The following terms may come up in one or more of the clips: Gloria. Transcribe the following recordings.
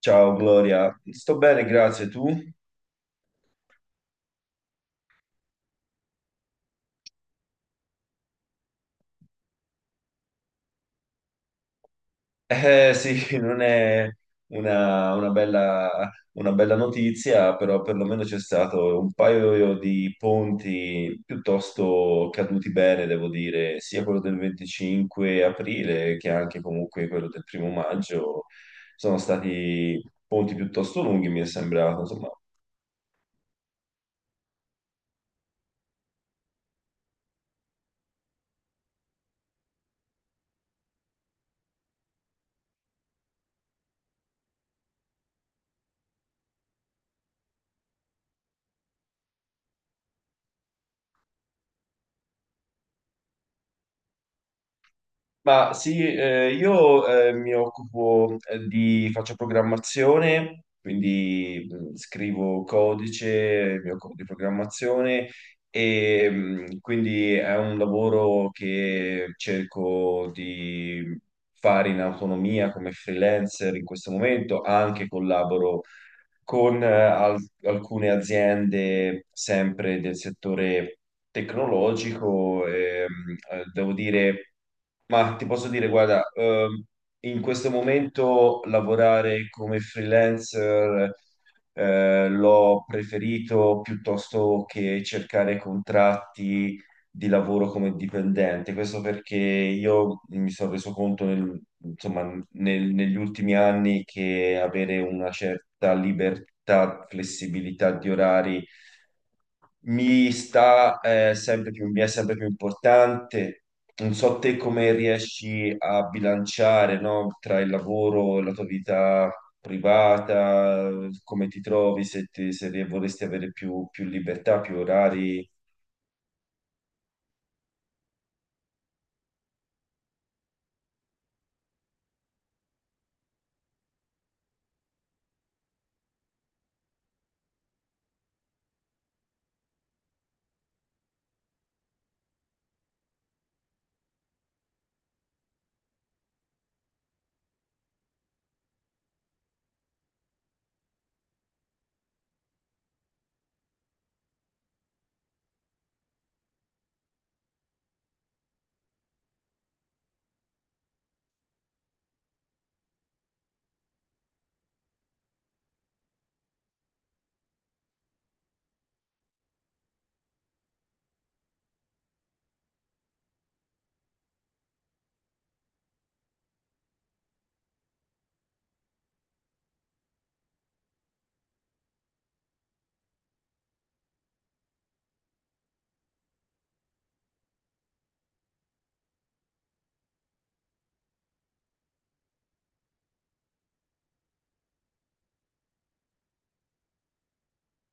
Ciao Gloria, sto bene, grazie. Tu? Eh sì, non è una bella notizia, però perlomeno c'è stato un paio di ponti piuttosto caduti bene, devo dire, sia quello del 25 aprile che anche comunque quello del primo maggio. Sono stati ponti piuttosto lunghi, mi è sembrato, insomma. Ma sì, io mi occupo faccio programmazione, quindi scrivo codice, mi occupo di programmazione e quindi è un lavoro che cerco di fare in autonomia come freelancer in questo momento, anche collaboro con alcune aziende sempre del settore tecnologico. Devo dire, ma ti posso dire, guarda, in questo momento lavorare come freelancer l'ho preferito piuttosto che cercare contratti di lavoro come dipendente. Questo perché io mi sono reso conto insomma, negli ultimi anni che avere una certa libertà, flessibilità di orari mi sta sempre più, mi è sempre più importante. Non so te come riesci a bilanciare, no, tra il lavoro e la tua vita privata, come ti trovi, se vorresti avere più libertà, più orari.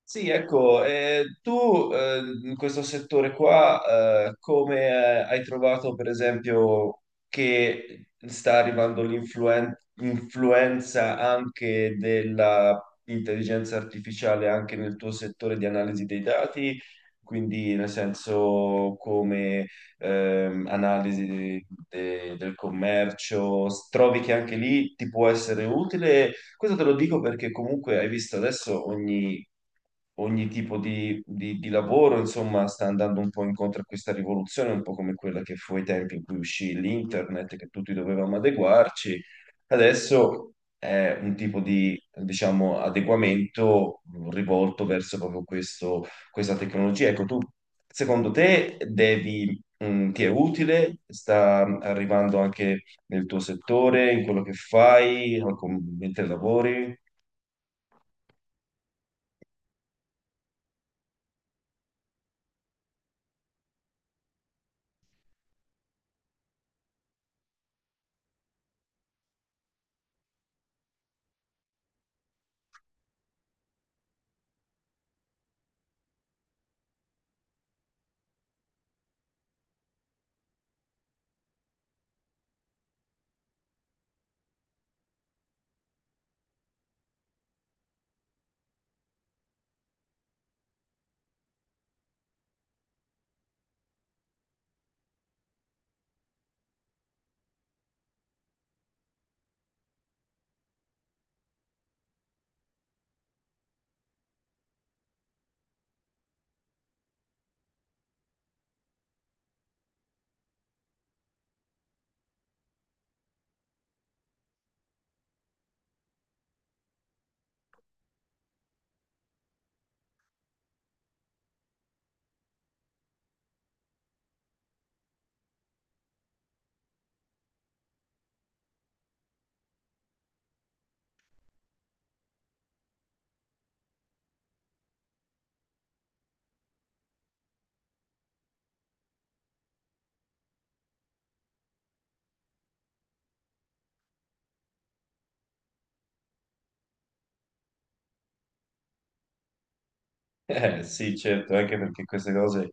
Sì, ecco, tu in questo settore qua, come hai trovato per esempio che sta arrivando l'influenza anche dell'intelligenza artificiale anche nel tuo settore di analisi dei dati? Quindi nel senso come analisi del commercio, trovi che anche lì ti può essere utile questo te lo dico perché comunque hai visto adesso ogni tipo di lavoro, insomma, sta andando un po' incontro a questa rivoluzione, un po' come quella che fu ai tempi in cui uscì l'internet, che tutti dovevamo adeguarci. Adesso è un tipo di, diciamo, adeguamento rivolto verso proprio questo, questa tecnologia. Ecco, tu, secondo te, devi, ti è utile? Sta arrivando anche nel tuo settore, in quello che fai, o mentre lavori. Sì, certo, anche perché queste cose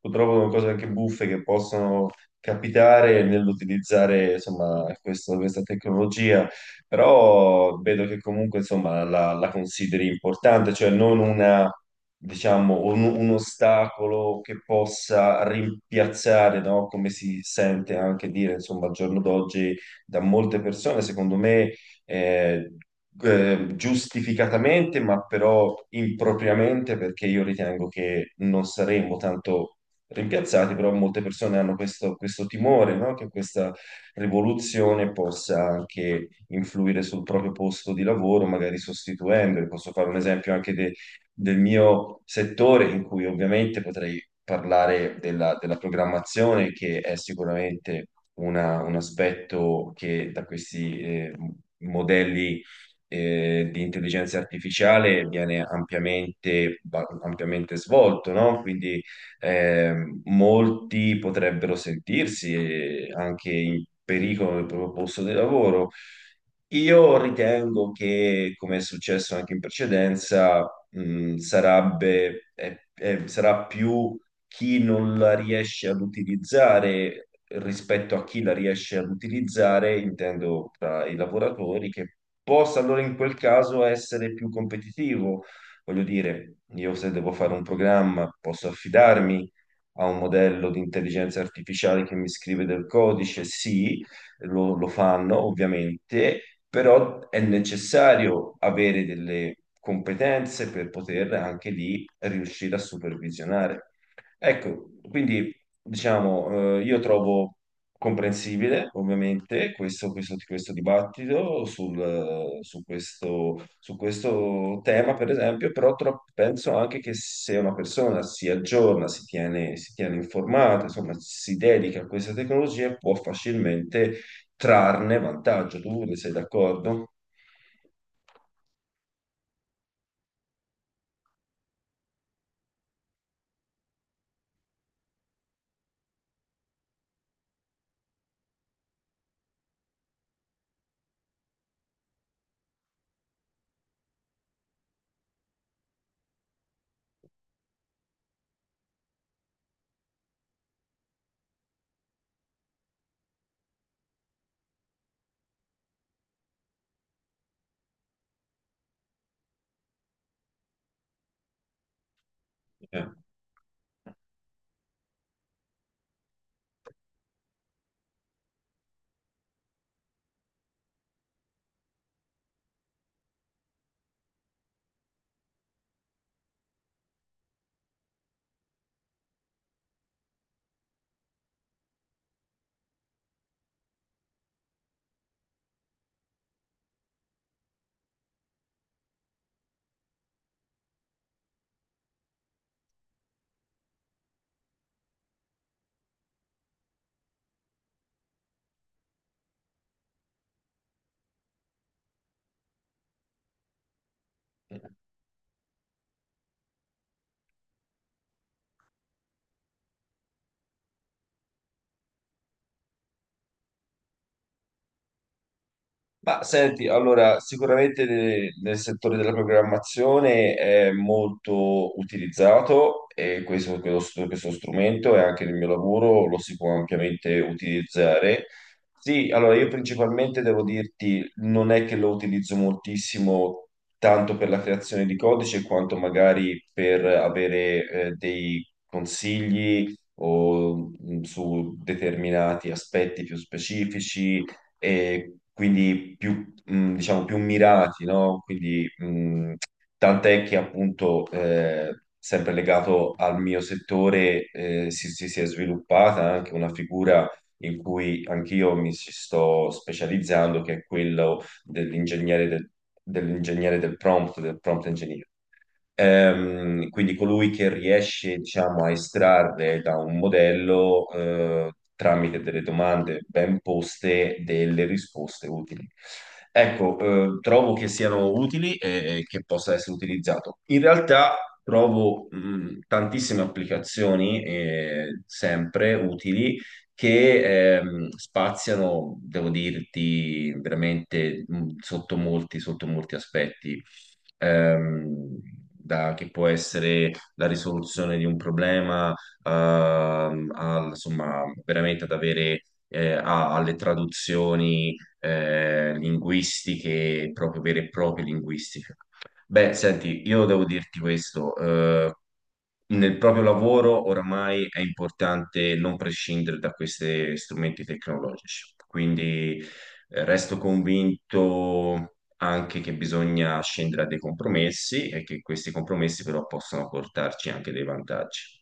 purtroppo sono cose anche buffe che possono capitare nell'utilizzare insomma, questa tecnologia, però vedo che comunque insomma, la consideri importante, cioè non una, diciamo, un ostacolo che possa rimpiazzare, no? Come si sente anche dire insomma, al giorno d'oggi da molte persone, secondo me. Eh, Giustificatamente, ma però impropriamente, perché io ritengo che non saremmo tanto rimpiazzati, però molte persone hanno questo timore, no? Che questa rivoluzione possa anche influire sul proprio posto di lavoro, magari sostituendoli. Posso fare un esempio anche del mio settore, in cui ovviamente potrei parlare della programmazione, che è sicuramente un aspetto che da questi... modelli di intelligenza artificiale viene ampiamente svolto, no? Quindi molti potrebbero sentirsi anche in pericolo nel proprio posto di lavoro. Io ritengo che, come è successo anche in precedenza, sarebbe, sarà più chi non la riesce ad utilizzare rispetto a chi la riesce ad utilizzare, intendo tra i lavoratori, che possa allora in quel caso essere più competitivo. Voglio dire, io se devo fare un programma posso affidarmi a un modello di intelligenza artificiale che mi scrive del codice, sì, lo fanno ovviamente, però è necessario avere delle competenze per poter anche lì riuscire a supervisionare. Ecco, quindi diciamo, io trovo comprensibile ovviamente questo dibattito su questo tema, per esempio, però penso anche che se una persona si aggiorna, si tiene informata, insomma, si dedica a questa tecnologia, può facilmente trarne vantaggio. Tu ne sei d'accordo? Eh. Ma senti, allora, sicuramente nel settore della programmazione è molto utilizzato e questo strumento e anche nel mio lavoro lo si può ampiamente utilizzare. Sì, allora io principalmente devo dirti, non è che lo utilizzo moltissimo tanto per la creazione di codice quanto magari per avere dei consigli o, su determinati aspetti più specifici e quindi più, diciamo, più mirati, no? Quindi, tant'è che appunto, sempre legato al mio settore, si è sviluppata anche una figura in cui anch'io mi ci sto specializzando, che è quello dell'ingegnere del prompt engineer. Quindi colui che riesce, diciamo, a estrarre da un modello, tramite delle domande ben poste, delle risposte utili. Ecco, trovo che siano utili e che possa essere utilizzato. In realtà trovo, tantissime applicazioni, sempre utili che spaziano, devo dirti, veramente sotto molti aspetti ehm, che può essere la risoluzione di un problema, insomma, veramente ad avere alle traduzioni linguistiche, proprio vere e proprie linguistiche. Beh, senti, io devo dirti questo, nel proprio lavoro oramai è importante non prescindere da questi strumenti tecnologici, quindi resto convinto anche che bisogna scendere a dei compromessi e che questi compromessi però possono portarci anche dei vantaggi.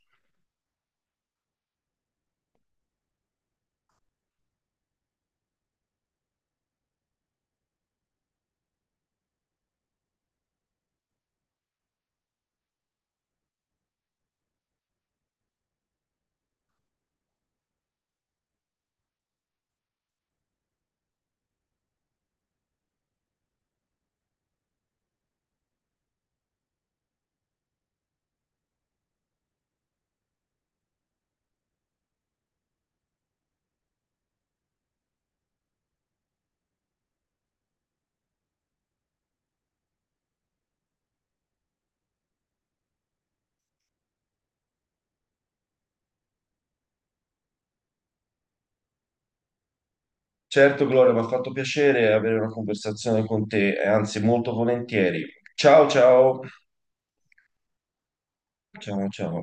Certo, Gloria, mi ha fatto piacere avere una conversazione con te, e anzi molto volentieri. Ciao, ciao. Ciao, ciao.